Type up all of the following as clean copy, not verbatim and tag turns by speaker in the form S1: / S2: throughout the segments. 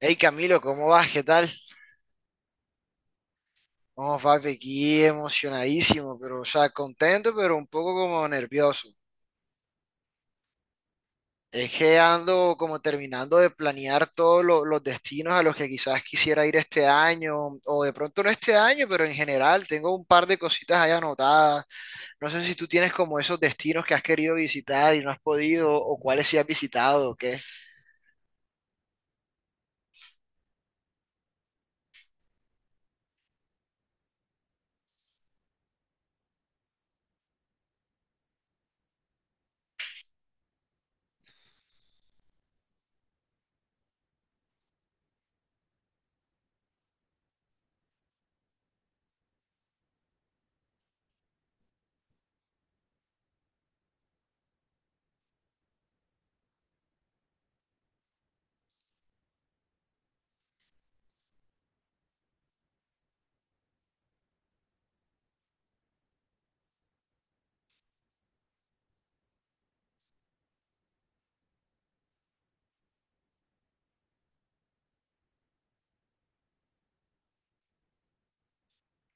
S1: Hey Camilo, ¿cómo vas? ¿Qué tal? Vamos, papi, aquí emocionadísimo, pero, o sea, contento, pero un poco como nervioso. Es que ando como terminando de planear los destinos a los que quizás quisiera ir este año, o de pronto no este año, pero en general tengo un par de cositas ahí anotadas. No sé si tú tienes como esos destinos que has querido visitar y no has podido, o cuáles sí has visitado, o qué.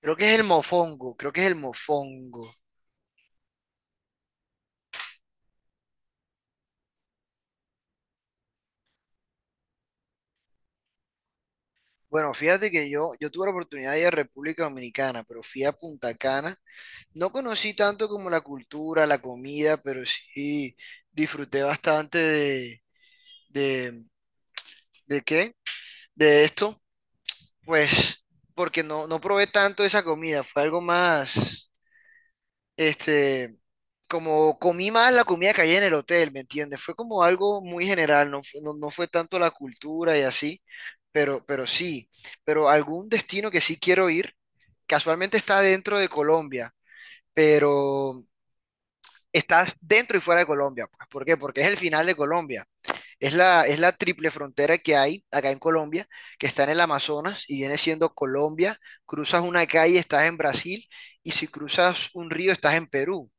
S1: Creo que es el Mofongo, creo que es el Mofongo. Bueno, fíjate que yo tuve la oportunidad de ir a República Dominicana, pero fui a Punta Cana. No conocí tanto como la cultura, la comida, pero sí disfruté bastante de, ¿de qué? De esto, pues, porque no probé tanto esa comida, fue algo más, este, como comí más la comida que había en el hotel, ¿me entiendes? Fue como algo muy general, no fue, no fue tanto la cultura y así, pero sí, pero algún destino que sí quiero ir. Casualmente está dentro de Colombia, pero estás dentro y fuera de Colombia. Pues, ¿por qué? Porque es el final de Colombia. Es la triple frontera que hay acá en Colombia, que está en el Amazonas y viene siendo Colombia. Cruzas una calle, estás en Brasil, y si cruzas un río, estás en Perú.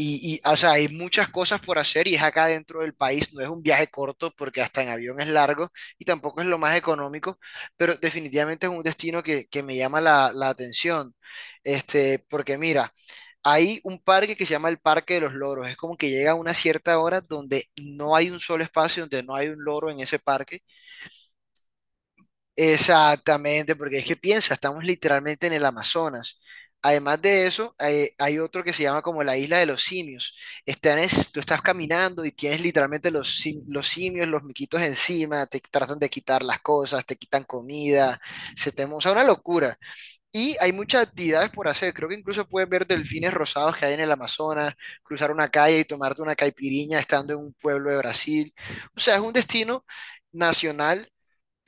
S1: O sea, hay muchas cosas por hacer y es acá dentro del país, no es un viaje corto porque hasta en avión es largo y tampoco es lo más económico, pero definitivamente es un destino que me llama la atención. Este, porque mira, hay un parque que se llama el Parque de los Loros, es como que llega a una cierta hora donde no hay un solo espacio, donde no hay un loro en ese parque. Exactamente, porque es que piensa, estamos literalmente en el Amazonas. Además de eso, hay otro que se llama como la isla de los simios. Tú estás caminando y tienes literalmente los simios, los miquitos encima, te tratan de quitar las cosas, te quitan comida, o sea, una locura. Y hay muchas actividades por hacer. Creo que incluso puedes ver delfines rosados que hay en el Amazonas, cruzar una calle y tomarte una caipiriña estando en un pueblo de Brasil. O sea, es un destino nacional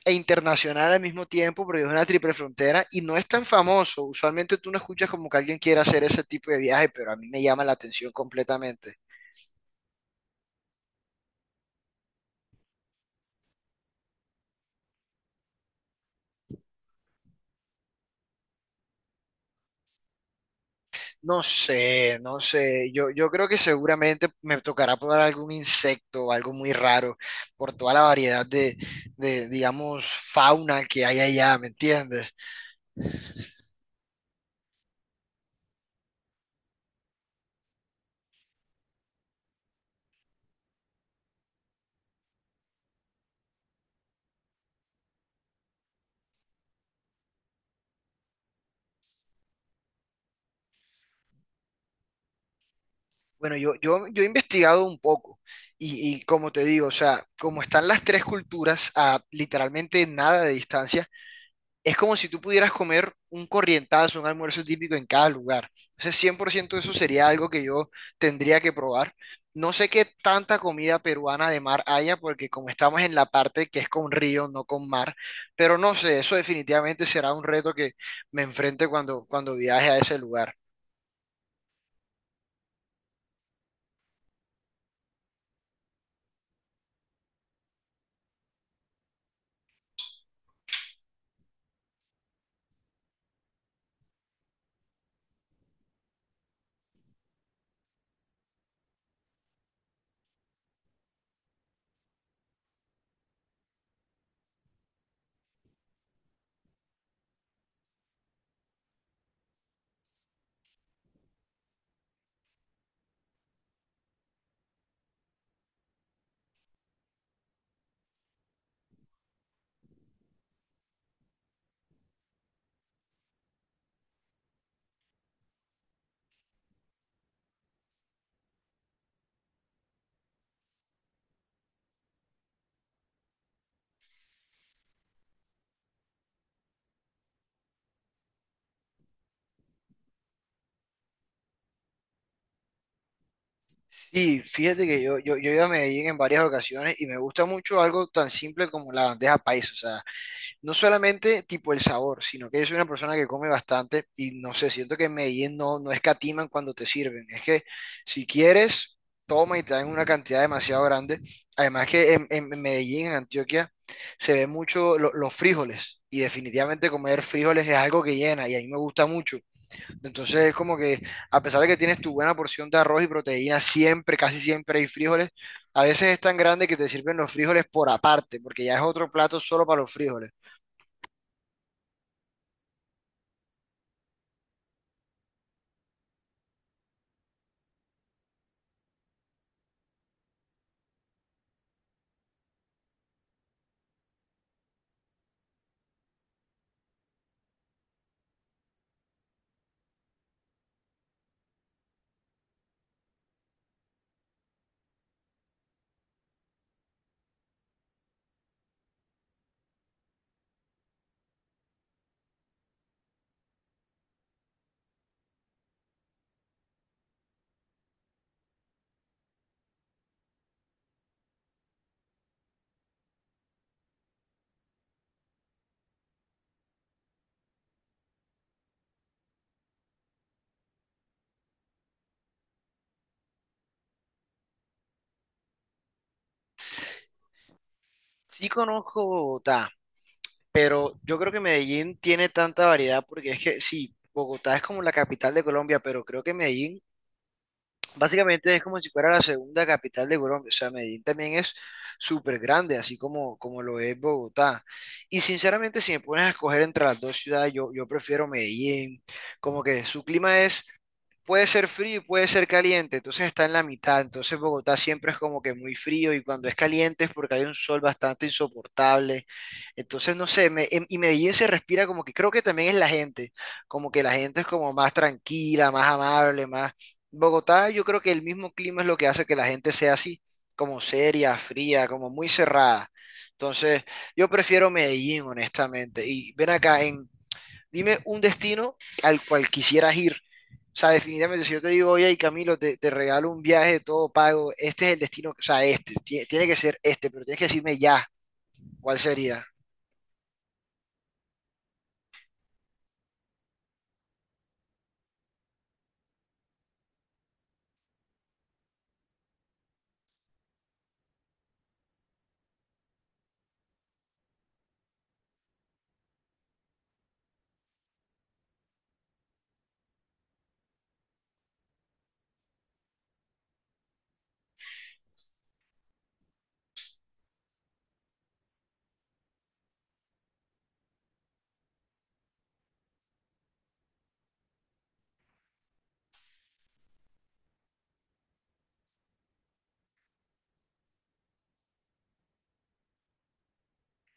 S1: e internacional al mismo tiempo, porque es una triple frontera y no es tan famoso. Usualmente tú no escuchas como que alguien quiera hacer ese tipo de viaje, pero a mí me llama la atención completamente. No sé, no sé. Yo creo que seguramente me tocará probar algún insecto o algo muy raro por toda la variedad de, digamos, fauna que hay allá, ¿me entiendes? Bueno, yo he investigado un poco. Como te digo, o sea, como están las tres culturas a literalmente nada de distancia, es como si tú pudieras comer un corrientazo, un almuerzo típico en cada lugar. Entonces, 100% eso sería algo que yo tendría que probar. No sé qué tanta comida peruana de mar haya, porque como estamos en la parte que es con río, no con mar, pero no sé, eso definitivamente será un reto que me enfrente cuando viaje a ese lugar. Y fíjate que yo he ido a Medellín en varias ocasiones y me gusta mucho algo tan simple como la bandeja paisa. O sea, no solamente tipo el sabor, sino que yo soy una persona que come bastante y no sé, siento que en Medellín no escatiman cuando te sirven. Es que si quieres, toma y te dan una cantidad demasiado grande. Además que en Medellín, en Antioquia, se ve mucho los frijoles y definitivamente comer frijoles es algo que llena y a mí me gusta mucho. Entonces es como que a pesar de que tienes tu buena porción de arroz y proteína, siempre, casi siempre hay frijoles. A veces es tan grande que te sirven los frijoles por aparte, porque ya es otro plato solo para los frijoles. Sí conozco Bogotá, pero yo creo que Medellín tiene tanta variedad porque es que sí, Bogotá es como la capital de Colombia, pero creo que Medellín básicamente es como si fuera la segunda capital de Colombia. O sea, Medellín también es súper grande, así como lo es Bogotá. Y sinceramente, si me pones a escoger entre las dos ciudades, yo prefiero Medellín. Como que su clima es puede ser frío y puede ser caliente, entonces está en la mitad, entonces Bogotá siempre es como que muy frío y cuando es caliente es porque hay un sol bastante insoportable, entonces no sé, y Medellín se respira como que creo que también es la gente, como que la gente es como más tranquila, más amable, más... Bogotá yo creo que el mismo clima es lo que hace que la gente sea así, como seria, fría, como muy cerrada, entonces yo prefiero Medellín honestamente, y ven acá en... Dime un destino al cual quisieras ir. O sea, definitivamente, si yo te digo, oye, Camilo, te regalo un viaje todo pago, este es el destino, o sea, este, tiene que ser este, pero tienes que decirme ya, ¿cuál sería?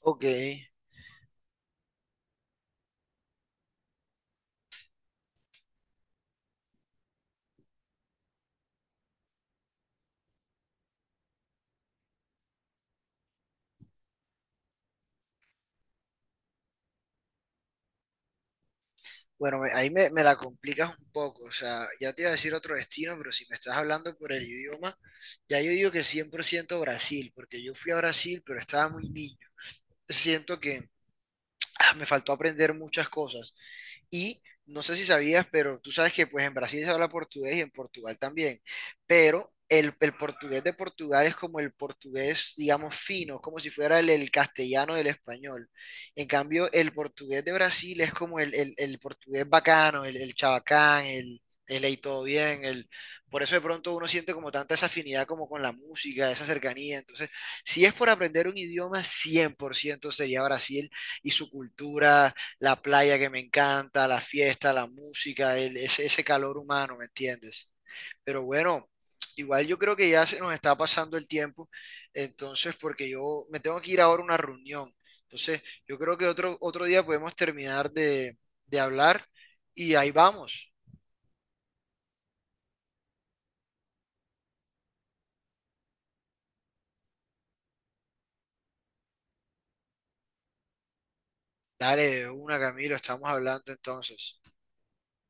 S1: Ok, bueno, ahí me la complicas un poco, o sea, ya te iba a decir otro destino, pero si me estás hablando por el idioma, ya yo digo que 100% Brasil, porque yo fui a Brasil, pero estaba muy niño. Siento que ah, me faltó aprender muchas cosas. Y no sé si sabías, pero tú sabes que pues en Brasil se habla portugués y en Portugal también, pero el portugués de Portugal es como el portugués, digamos, fino, como si fuera el castellano del español. En cambio, el portugués de Brasil es como el portugués bacano, el chabacán, el "Ey, todo bien, el... Por eso de pronto uno siente como tanta esa afinidad como con la música, esa cercanía. Entonces, si es por aprender un idioma, 100% sería Brasil y su cultura, la playa que me encanta, la fiesta, la música, ese, ese calor humano, ¿me entiendes? Pero bueno, igual yo creo que ya se nos está pasando el tiempo, entonces porque yo me tengo que ir ahora a una reunión. Entonces, yo creo que otro día podemos terminar de hablar y ahí vamos. Dale, una, Camilo, estamos hablando entonces.